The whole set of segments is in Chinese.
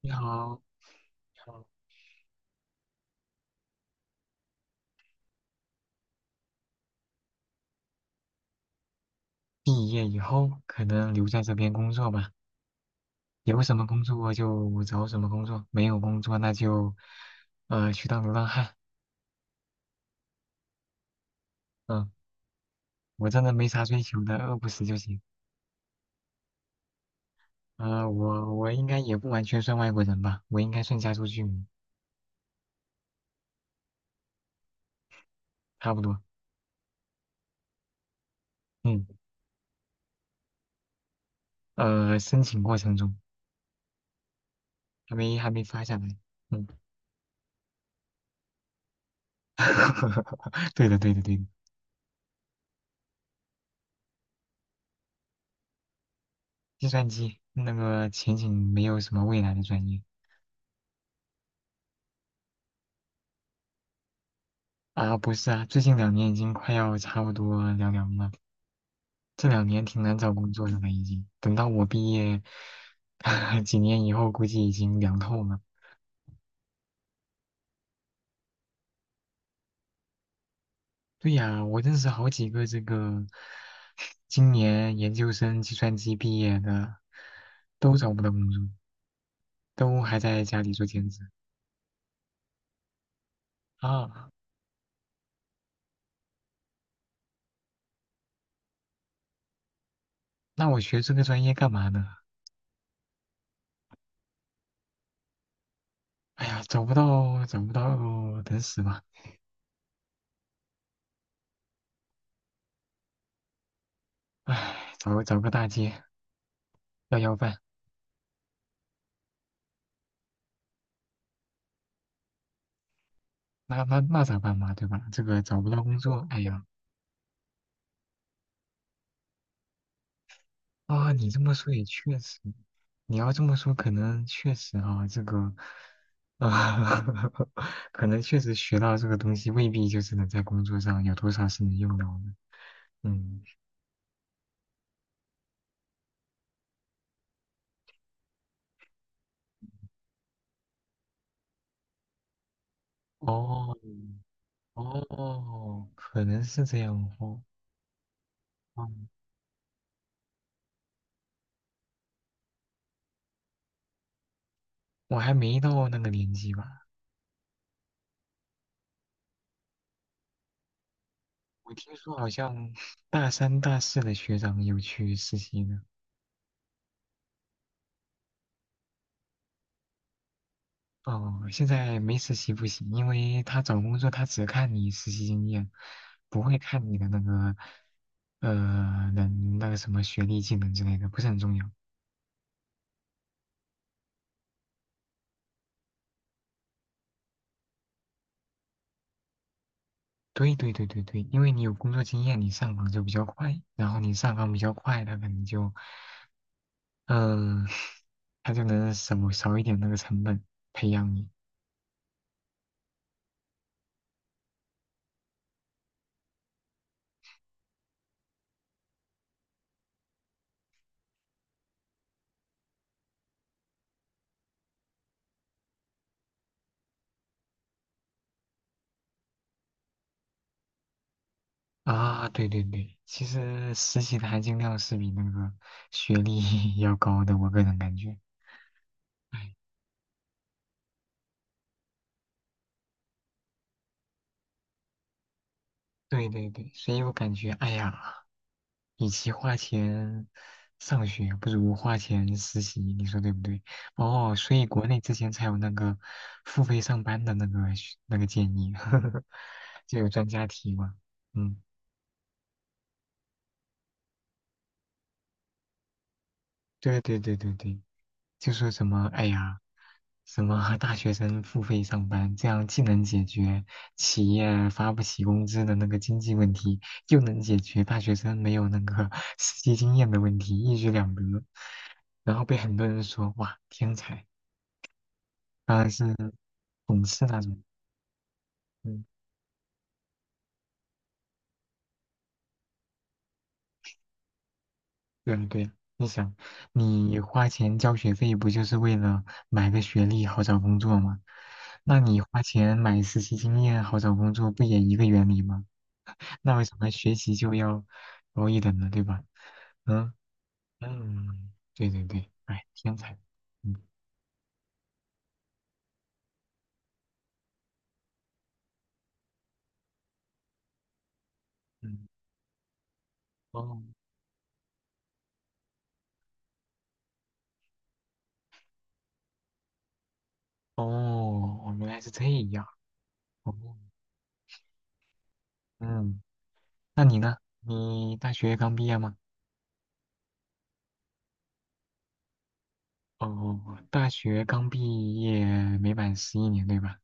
你好，毕业以后可能留在这边工作吧，有什么工作就找什么工作，没有工作那就，去当流浪汉。嗯，我真的没啥追求的，饿不死就行。我应该也不完全算外国人吧，我应该算加州居民，差不多。嗯，申请过程中还没发下来。嗯，对的对的对的，计算机那个前景没有什么未来的专业。啊，不是啊，最近两年已经快要差不多凉凉了。这两年挺难找工作的了，已经。等到我毕业 几年以后，估计已经凉透了。对呀，我认识好几个这个今年研究生计算机毕业的，都找不到工作，都还在家里做兼职啊。那我学这个专业干嘛呢？哎呀，找不到，找不到，等死吧。唉，找个大街要饭。那咋办嘛，对吧？这个找不到工作，哎呀，啊，你这么说也确实，你要这么说，可能确实啊，这个，啊，可能确实学到这个东西，未必就是能在工作上有多少是能用到的。嗯，哦，哦，可能是这样哦，嗯，我还没到那个年纪吧，我听说好像大三、大四的学长有去实习呢。哦，现在没实习不行，因为他找工作他只看你实习经验，不会看你的那个能那个什么学历、技能之类的，不是很重要。对对对对对，因为你有工作经验，你上岗就比较快，然后你上岗比较快，他可能就嗯、他就能少一点那个成本培养你啊。对对对，其实实习的含金量是比那个学历 要高的，我个人感觉。哎。对对对，所以我感觉，哎呀，与其花钱上学，不如花钱实习，你说对不对？哦，所以国内之前才有那个付费上班的那个学那个建议，就有专家提嘛。嗯，对对对对对，就是什么，哎呀，什么大学生付费上班，这样既能解决企业发不起工资的那个经济问题，又能解决大学生没有那个实际经验的问题，一举两得。然后被很多人说，哇，天才，当然是讽刺那种。嗯对对对，你想，你花钱交学费不就是为了买个学历好找工作吗？那你花钱买实习经验好找工作，不也一个原理吗？那为什么学习就要高一等呢？对吧？嗯嗯，对对对，哎，天才，嗯嗯，哦哦，哦原来是这样，哦嗯，那你呢？你大学刚毕业吗？哦，大学刚毕业没满十一年，对吧？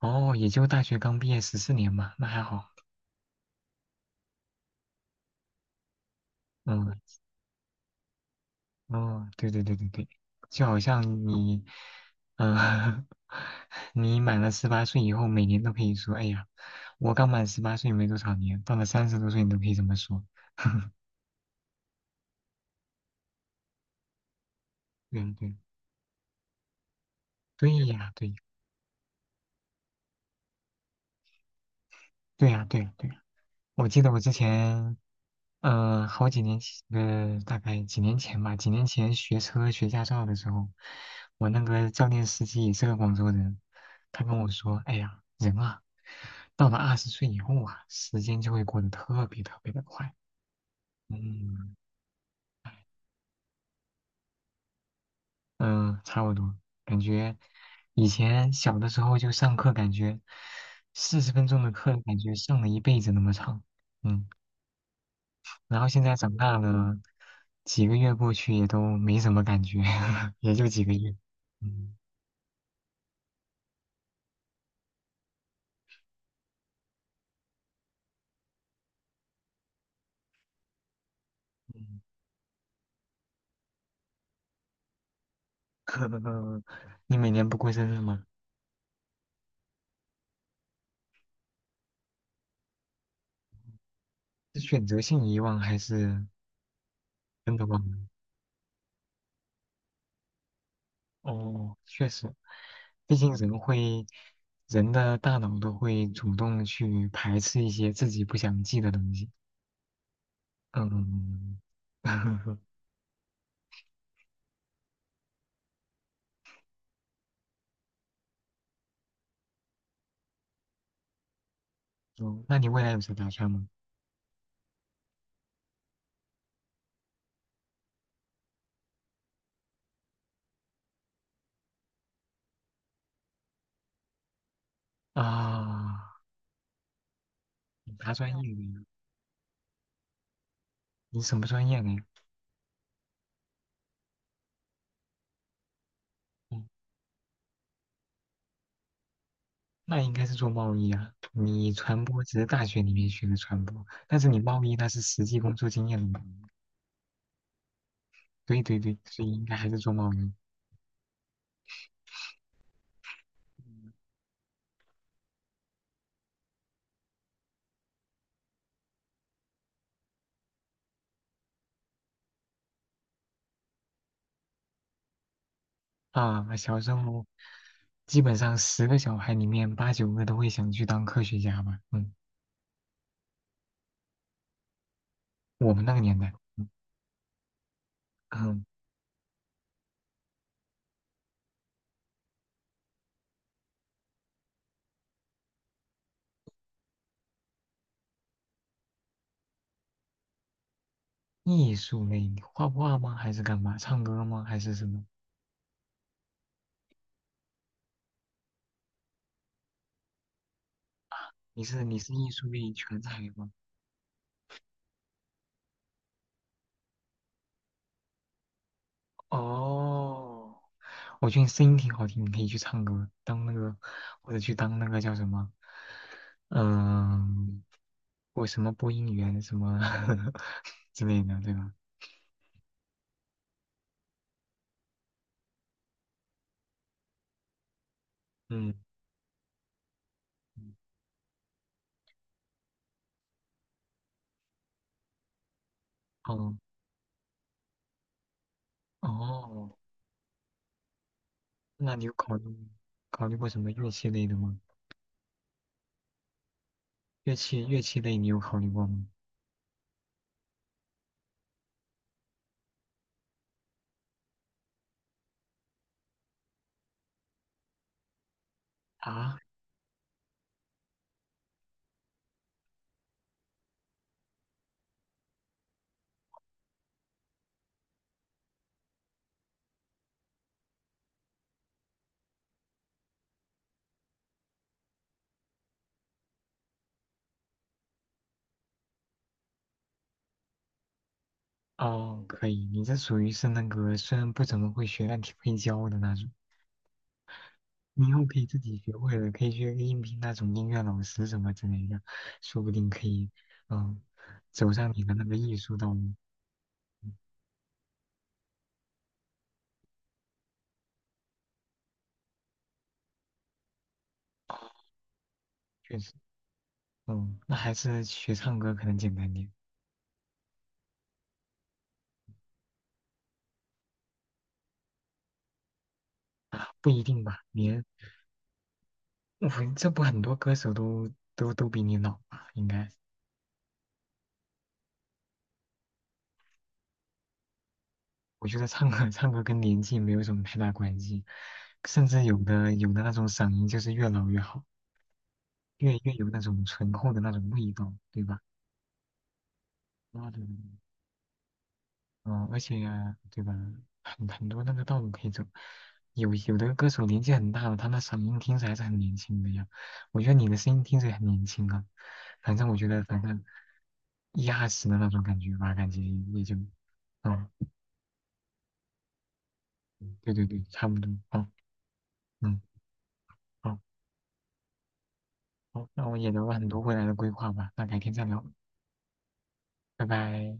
哦，也就大学刚毕业十四年嘛，那还好。嗯，哦，对对对对对，就好像你，嗯、你满了十八岁以后，每年都可以说，哎呀，我刚满十八岁没多少年，到了三十多岁你都可以这么说。对对对呀，对对呀，对呀，对呀。我记得我之前好几年前，大概几年前吧，几年前学车学驾照的时候，我那个教练司机也是个广州人，他跟我说：“哎呀，人啊，到了二十岁以后啊，时间就会过得特别特别的快。”嗯嗯，差不多，感觉以前小的时候就上课，感觉四十分钟的课，感觉上了一辈子那么长。嗯。然后现在长大了，几个月过去也都没什么感觉，也就几个月。嗯嗯，你每年不过生日吗？是选择性遗忘还是真的忘了？哦，确实，毕竟人会，人的大脑都会主动去排斥一些自己不想记的东西。嗯，哦那你未来有什么打算吗？啊，你啥专业的呀？你什么专业的呀？那应该是做贸易啊。你传播只是大学里面学的传播，但是你贸易那是实际工作经验的嘛。对对对，所以应该还是做贸易啊。小时候基本上十个小孩里面八九个都会想去当科学家吧。嗯，我们那个年代，嗯，嗯艺术类，你画画吗？还是干嘛？唱歌吗？还是什么？你是艺术类全才吗？哦，我觉得你声音挺好听，你可以去唱歌，当那个或者去当那个叫什么，嗯、我什么播音员什么 之类的，对吧？嗯，哦哦，那你有考虑过什么乐器类的吗？乐器类你有考虑过吗？啊，哦，可以，你这属于是那个虽然不怎么会学，但挺会教的那种。你以后可以自己学会了，可以去应聘那种音乐老师什么之类的，说不定可以，嗯，走上你的那个艺术道路。嗯确实，嗯，那还是学唱歌可能简单点，不一定吧？你我这不很多歌手都都比你老吧？应该，我觉得唱歌跟年纪没有什么太大关系，甚至有的那种嗓音就是越老越好，越有那种醇厚的那种味道，对吧？啊，对。嗯，而且对吧，很多那个道路可以走，有的歌手年纪很大了，他那嗓音听着还是很年轻的呀。我觉得你的声音听着也很年轻啊，反正我觉得反正一二十的那种感觉吧，感觉也就，嗯，对对对，差不多。嗯嗯，好，好，那我也聊了很多未来的规划吧，那改天再聊，拜拜。